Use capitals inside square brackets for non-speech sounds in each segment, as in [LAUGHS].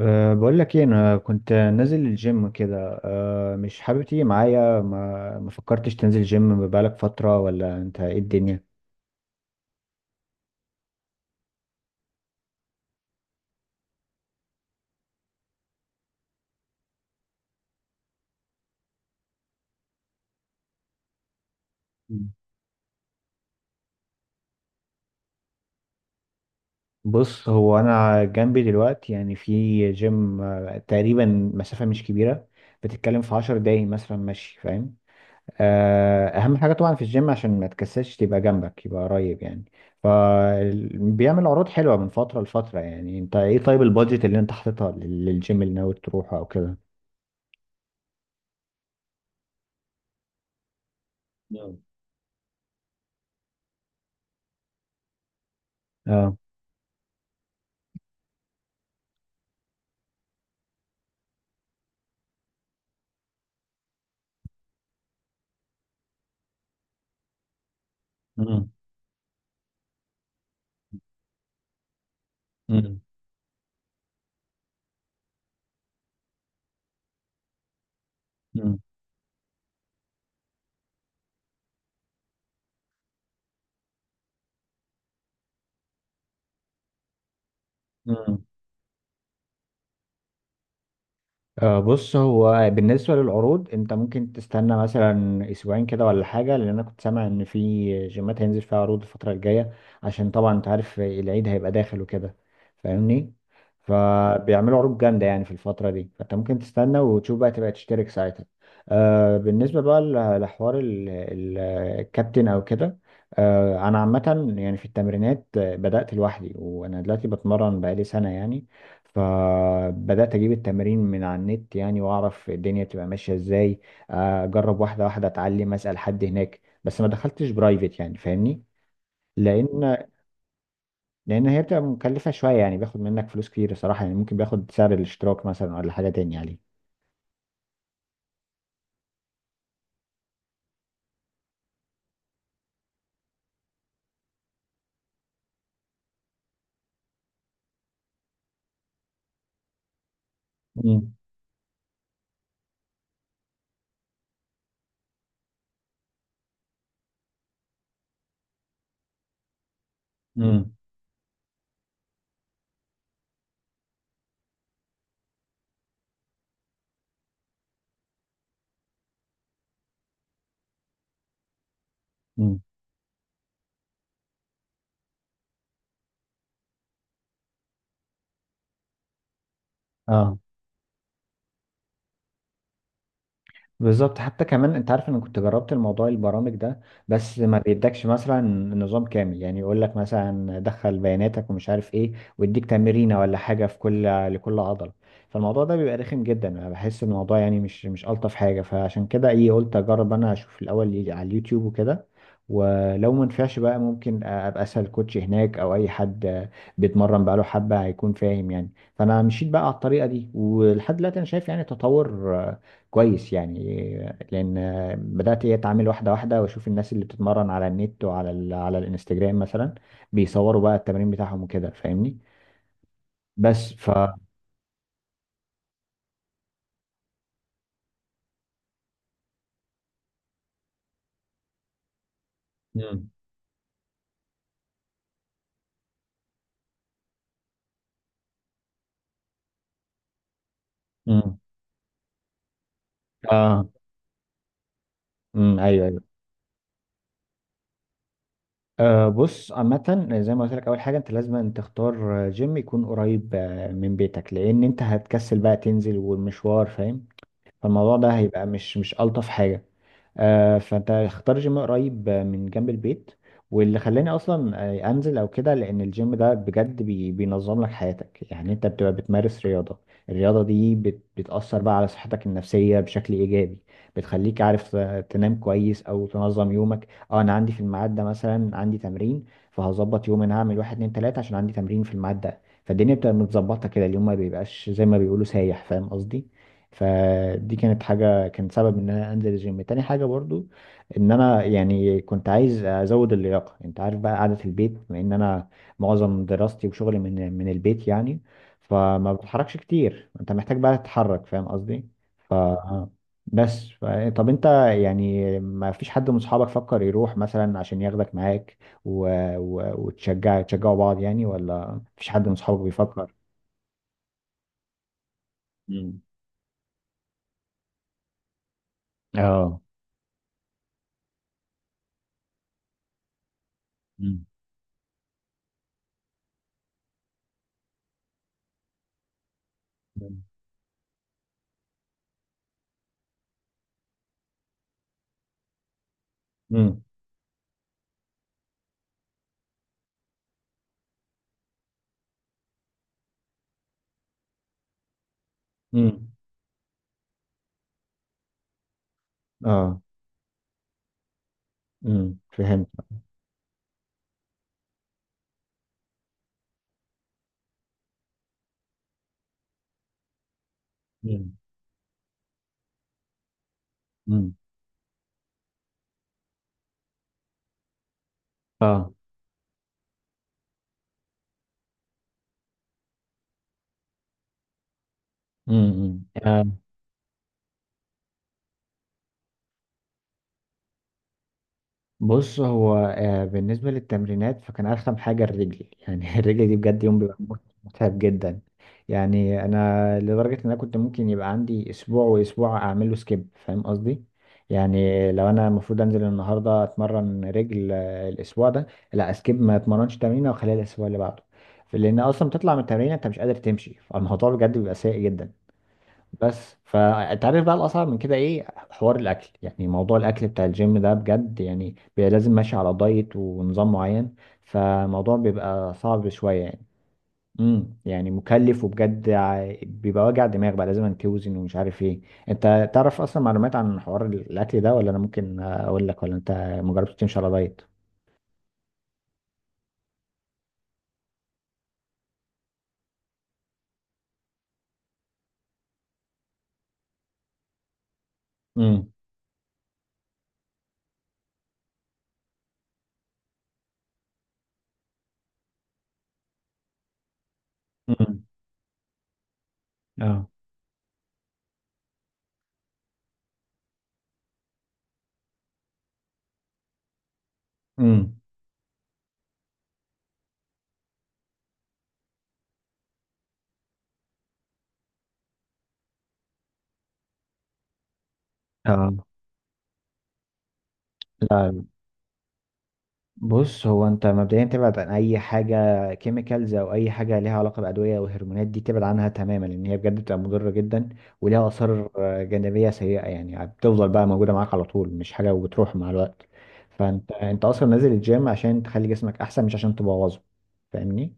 بقول لك ايه انا كنت نازل الجيم كده. مش حابب تيجي معايا؟ ما فكرتش تنزل جيم بقالك فترة ولا انت ايه الدنيا؟ مم. بص هو انا جنبي دلوقتي يعني في جيم تقريبا مسافة مش كبيرة، بتتكلم في عشر دقايق مثلا، ماشي فاهم. اهم حاجة طبعا في الجيم عشان ما تكسلش تبقى جنبك، يبقى قريب يعني. فبيعمل عروض حلوة من فترة لفترة. يعني انت ايه، طيب البادجت اللي انت حاططها للجيم اللي ناوي تروحه او كده؟ نعم. مم. مم. مم. مم. بص هو بالنسبة للعروض انت ممكن تستنى مثلا اسبوعين كده ولا حاجة، لان انا كنت سامع ان في جيمات هينزل فيها عروض الفترة الجاية، عشان طبعا انت عارف العيد هيبقى داخل وكده، فاهمني؟ فبيعملوا عروض جامدة يعني في الفترة دي، فانت ممكن تستنى وتشوف بقى تبقى تشترك ساعتها. آه، بالنسبة بقى لحوار الكابتن او كده، آه انا عامة يعني في التمرينات بدأت لوحدي وانا دلوقتي بتمرن بقالي سنة يعني. فبدأت أجيب التمارين من على النت يعني، وأعرف الدنيا بتبقى ماشية إزاي، أجرب واحدة واحدة، أتعلم، أسأل حد هناك، بس ما دخلتش برايفت يعني فاهمني. لأن، لأن هي بتبقى مكلفة شوية يعني، بياخد منك فلوس كتير صراحة، يعني ممكن بياخد سعر الاشتراك مثلا ولا حاجة تاني عليه. امم. امم. امم. اه بالظبط، حتى كمان انت عارف انا كنت جربت الموضوع البرامج ده، بس ما بيدكش مثلا نظام كامل يعني، يقول لك مثلا دخل بياناتك ومش عارف ايه ويديك تمرينه ولا حاجه في كل، لكل عضله. فالموضوع ده بيبقى رخم جدا، انا بحس إن الموضوع يعني مش الطف حاجه. فعشان كده ايه، قلت اجرب انا اشوف الاول على اليوتيوب وكده، ولو ما نفعش بقى ممكن ابقى اسال كوتش هناك او اي حد بيتمرن بقاله حبه هيكون فاهم يعني. فانا مشيت بقى على الطريقه دي، ولحد دلوقتي انا شايف يعني تطور كويس يعني. لان بدات ايه اتعامل واحده واحده، واشوف الناس اللي بتتمرن على النت وعلى على الانستجرام مثلا، بيصوروا بقى التمرين بتاعهم وكده فاهمني. بس ف مم. امم. اه. امم. ايوه، ايوه. آه بص عامة زي ما قلت لك، أول حاجة أنت لازم أن تختار جيم يكون قريب من بيتك، لأن أنت هتكسل بقى تنزل والمشوار فاهم. فالموضوع ده هيبقى مش ألطف حاجة. فانت اختار جيم قريب، من جنب البيت. واللي خلاني اصلا انزل او كده، لان الجيم ده بجد بينظم لك حياتك. يعني انت بتبقى بتمارس رياضة، الرياضة دي بتأثر بقى على صحتك النفسية بشكل ايجابي، بتخليك عارف تنام كويس او تنظم يومك. اه انا عندي في الميعاد ده مثلا عندي تمرين، فهظبط يوم انا هعمل واحد اتنين تلاتة عشان عندي تمرين في الميعاد ده. فالدنيا بتبقى متظبطة كده، اليوم ما بيبقاش زي ما بيقولوا سايح، فاهم قصدي. فدي كانت حاجة، كان سبب ان انا انزل الجيم. تاني حاجة برضو ان انا يعني كنت عايز ازود اللياقة، انت عارف بقى قعدة البيت بما ان انا معظم دراستي وشغلي من البيت يعني، فما بتحركش كتير، انت محتاج بقى تتحرك فاهم قصدي. ف، بس ف... طب انت يعني ما فيش حد من اصحابك فكر يروح مثلا عشان ياخدك معاك، و... تشجعوا بعض يعني، ولا مفيش حد من اصحابك بيفكر؟ مم. اه. مم. امم. اه. فهمت. امم. امم. اه. امم. آه. بص هو آه بالنسبه للتمرينات، فكان ارخم حاجه الرجل يعني [LAUGHS] الرجل دي بجد يوم بيبقى متعب جدا. يعني انا لدرجه ان انا كنت ممكن يبقى عندي اسبوع واسبوع اعمل له سكيب، فاهم قصدي. يعني لو انا المفروض انزل النهارده اتمرن رجل، الاسبوع ده لا اسكيب، ما اتمرنش تمرينه واخليها الاسبوع اللي بعده. لان اصلا بتطلع من التمرين انت مش قادر تمشي، فالموضوع بجد بيبقى سيء جدا. بس فانت عارف بقى الاصعب من كده ايه، حوار الاكل. يعني موضوع الاكل بتاع الجيم ده بجد يعني بيبقى لازم ماشي على دايت ونظام معين، فالموضوع بيبقى صعب شويه يعني. امم، يعني مكلف، وبجد بيبقى وجع دماغ، بقى لازم توزن ومش عارف ايه. انت تعرف اصلا معلومات عن حوار الاكل ده، ولا انا ممكن اقول لك؟ ولا انت مجربتش تمشي على دايت؟ امم. امم. اه. امم. بص هو انت مبدئيا تبعد عن اي حاجه كيميكالز او اي حاجه ليها علاقه بادويه وهرمونات، دي تبعد عنها تماما، لان هي بجد بتبقى مضره جدا، وليها اثار جانبيه سيئه يعني، بتفضل بقى موجوده معاك على طول، مش حاجه وبتروح مع الوقت. فانت انت اصلا نازل الجيم عشان تخلي جسمك احسن، مش عشان تبوظه، فاهمني.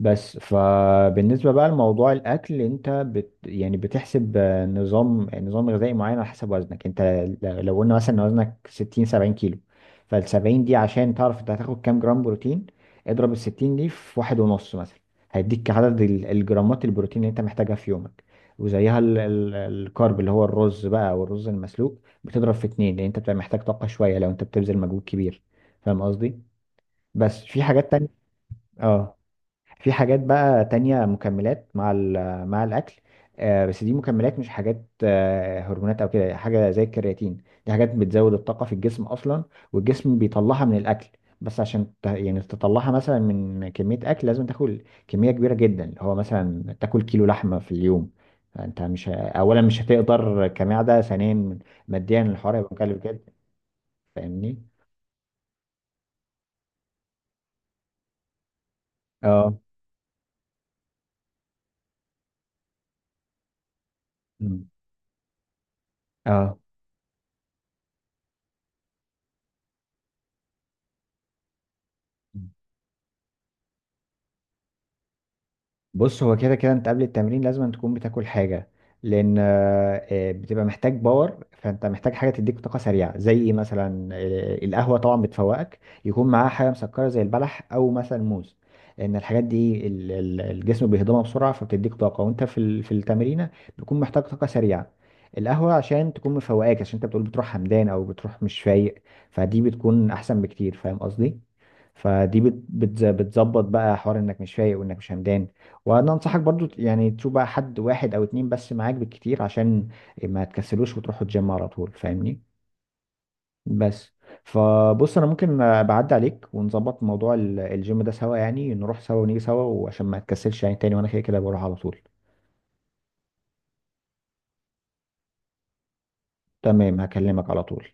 بس فبالنسبة بقى لموضوع الأكل، أنت يعني بتحسب نظام غذائي معين على حسب وزنك أنت. لو قلنا مثلا إن وزنك 60 70 كيلو، فالسبعين دي عشان تعرف أنت هتاخد كام جرام بروتين، اضرب الستين دي في واحد ونص مثلا، هيديك عدد الجرامات البروتين اللي أنت محتاجها في يومك. وزيها الكارب اللي هو الرز بقى والرز المسلوق، بتضرب في اتنين، لأن أنت بتبقى محتاج طاقة شوية لو أنت بتبذل مجهود كبير، فاهم قصدي؟ بس في حاجات تانية، آه. في حاجات بقى تانية، مكملات مع مع الأكل، بس دي مكملات مش حاجات هرمونات أو كده، حاجة زي الكرياتين. دي حاجات بتزود الطاقة في الجسم أصلا، والجسم بيطلعها من الأكل. بس عشان يعني تطلعها مثلا من كمية أكل، لازم تاكل كمية كبيرة جدا، اللي هو مثلا تاكل كيلو لحمة في اليوم. فأنت مش ه- أولا مش هتقدر كمعدة، ثانيا ماديا الحوار هيبقى مكلف جدا، فاهمني؟ اه. مم. اه، بص هو كده كده انت قبل التمرين لازم أن تكون بتاكل حاجة، لان بتبقى محتاج باور، فانت محتاج حاجة تديك طاقة سريعة زي ايه مثلا، القهوة طبعا بتفوقك، يكون معاها حاجة مسكرة زي البلح او مثلا موز. لان الحاجات دي الجسم بيهضمها بسرعة، فبتديك طاقة وانت في في التمرينة، بتكون محتاج طاقة سريعة. القهوة عشان تكون مفوقاك، عشان انت بتقول بتروح همدان او بتروح مش فايق، فدي بتكون احسن بكتير فاهم قصدي؟ فدي بتظبط بقى حوار انك مش فايق وانك مش همدان. وانا انصحك برضو يعني تشوف بقى حد واحد او اتنين بس معاك بالكتير، عشان ما تكسلوش وتروحوا الجيم على طول، فاهمني. بس، انا ممكن بعدي عليك ونظبط موضوع الجيم ده سوا، يعني نروح سوا ونيجي سوا، وعشان ما تكسلش يعني تاني وانا كده كده بروح على طول. تمام، هكلمك على طول.